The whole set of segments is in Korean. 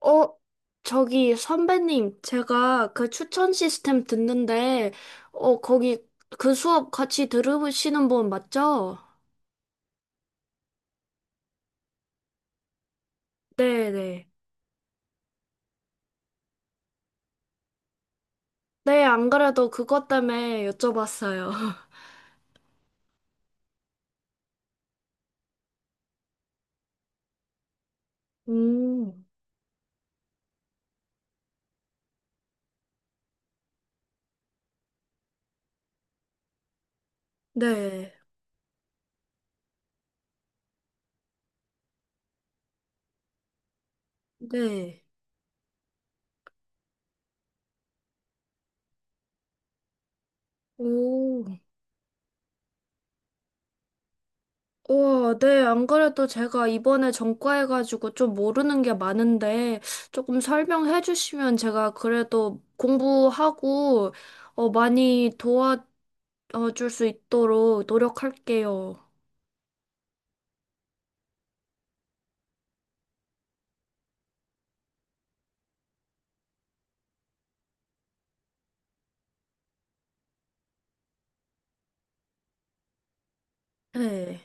어, 저기 선배님, 제가 그 추천 시스템 듣는데, 어, 거기 그 수업 같이 들으시는 분 맞죠? 네네. 네, 네, 안 그래도 그것 때문에 여쭤봤어요. 음, 네, 네. 오, 우와, 네, 안 그래도 제가 이번에 전과해가지고 좀 모르는 게 많은데, 조금 설명해 주시면 제가 그래도 공부하고, 어, 많이 도와, 줄 수 있도록 노력할게요. 네.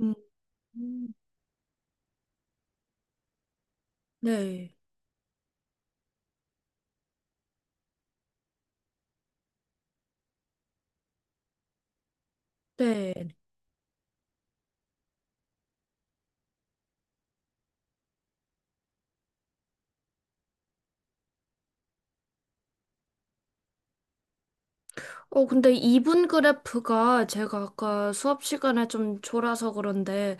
음. 음. 네. 네. 어, 근데 이분 그래프가 제가 아까 수업 시간에 좀 졸아서 그런데,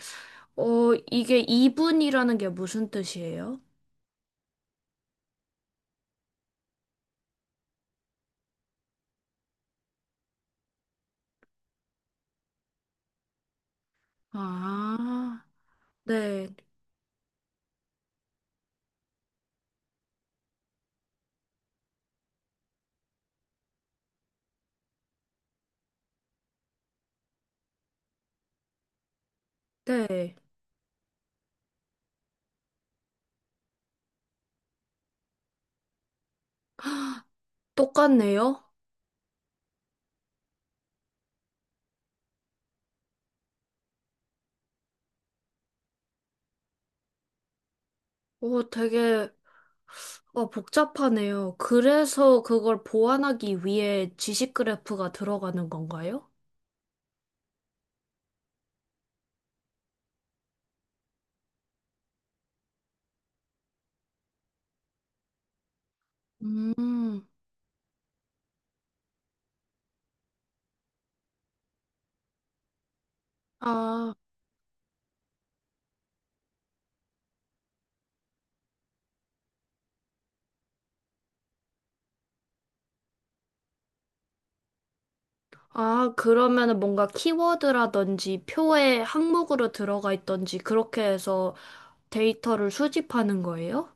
이게 이분이라는 게 무슨 뜻이에요? 아, 네. 네. 똑같네요. 어, 되게, 복잡하네요. 그래서 그걸 보완하기 위해 지식 그래프가 들어가는 건가요? 음, 아. 아, 그러면은 뭔가 키워드라든지 표의 항목으로 들어가 있던지 그렇게 해서 데이터를 수집하는 거예요?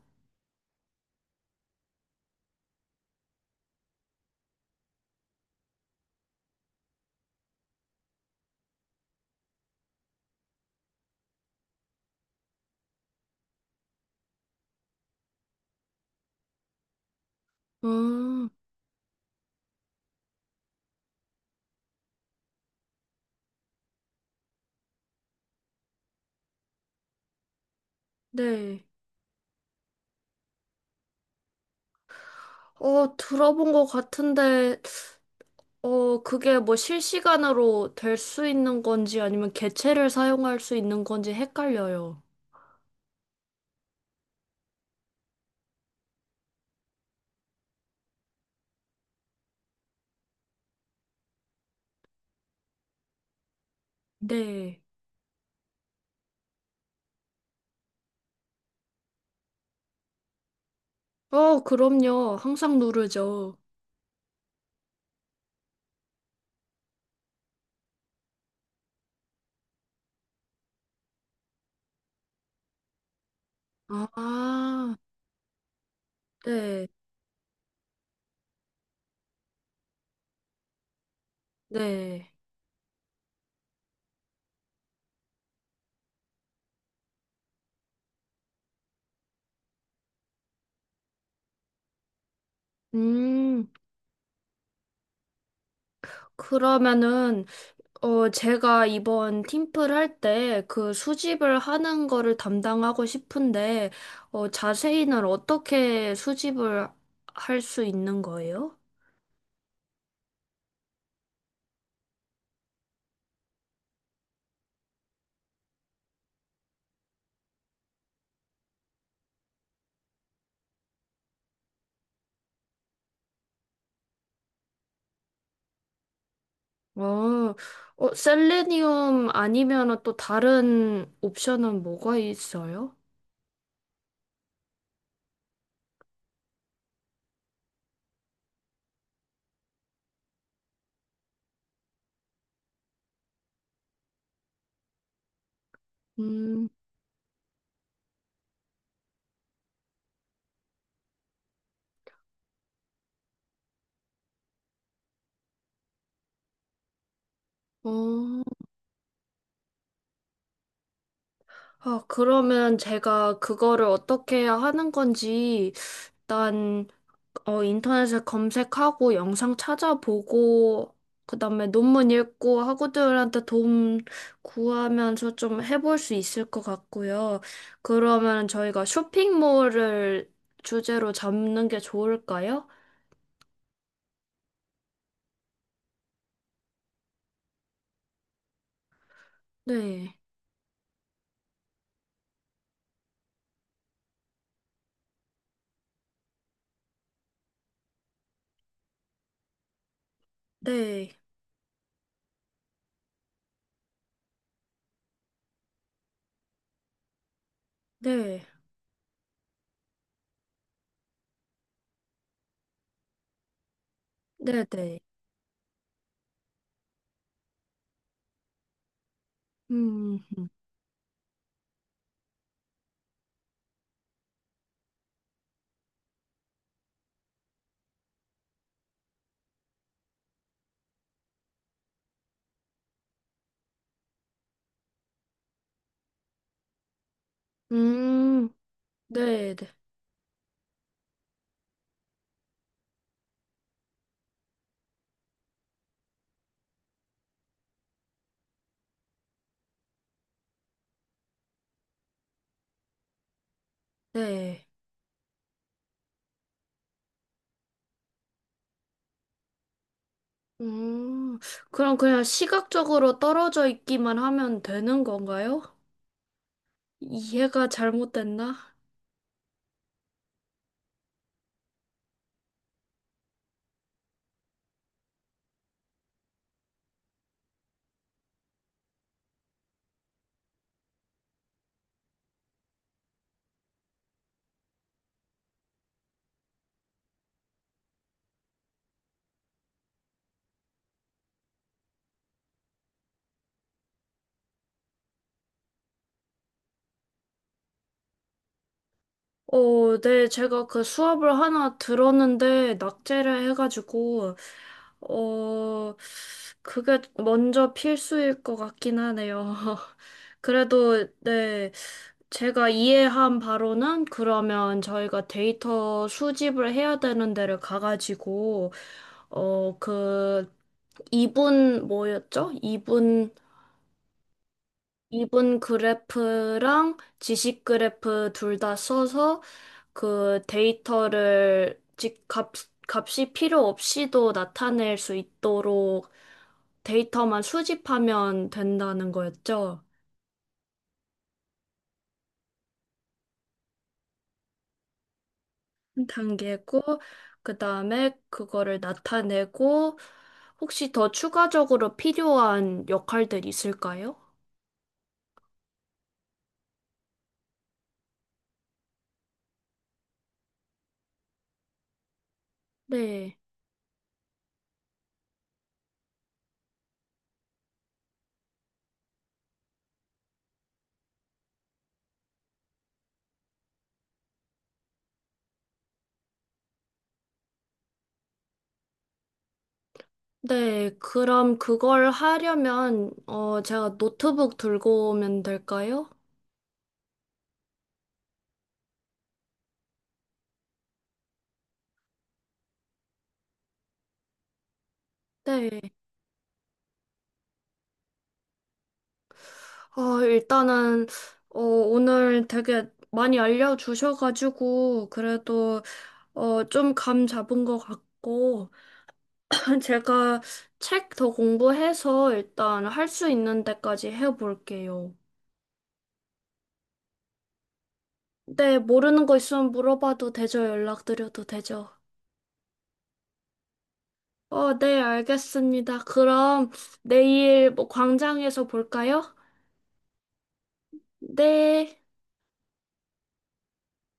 음, 네. 어, 들어본 것 같은데, 그게 뭐 실시간으로 될 수 있는 건지 아니면 개체를 사용할 수 있는 건지 헷갈려요. 네. 어, 그럼요. 항상 누르죠. 아, 네, 네. 음, 그러면은 제가 이번 팀플 할 때 그 수집을 하는 거를 담당하고 싶은데, 어, 자세히는 어떻게 수집을 할 수 있는 거예요? 어, 어, 셀레니움 아니면 또 다른 옵션은 뭐가 있어요? 음, 어, 아, 그러면 제가 그거를 어떻게 하는 건지 일단 인터넷에 검색하고 영상 찾아보고, 그 다음에 논문 읽고 학우들한테 도움 구하면서 좀 해볼 수 있을 것 같고요. 그러면 저희가 쇼핑몰을 주제로 잡는 게 좋을까요? 네, 네, 네, 네, 네. 음, 음, 네, 네, 네. 음, 그럼 그냥 시각적으로 떨어져 있기만 하면 되는 건가요? 이해가 잘못됐나? 어, 네, 제가 그 수업을 하나 들었는데, 낙제를 해가지고, 어, 그게 먼저 필수일 것 같긴 하네요. 그래도, 네, 제가 이해한 바로는 그러면 저희가 데이터 수집을 해야 되는 데를 가가지고, 어, 그, 이분, 뭐였죠? 이분 이분 그래프랑 지식 그래프 둘 다 써서 그 데이터를 즉 값, 값이 필요 없이도 나타낼 수 있도록 데이터만 수집하면 된다는 거였죠. 단계고, 그 다음에 그거를 나타내고, 혹시 더 추가적으로 필요한 역할들 있을까요? 네. 네, 그럼 그걸 하려면, 제가 노트북 들고 오면 될까요? 네. 어, 일단은, 오늘 되게 많이 알려주셔가지고, 그래도, 좀 감 잡은 것 같고, 제가 책 더 공부해서 일단 할 수 있는 데까지 해볼게요. 네, 모르는 거 있으면 물어봐도 되죠? 연락드려도 되죠? 어, 네, 알겠습니다. 그럼 내일 뭐 광장에서 볼까요? 네.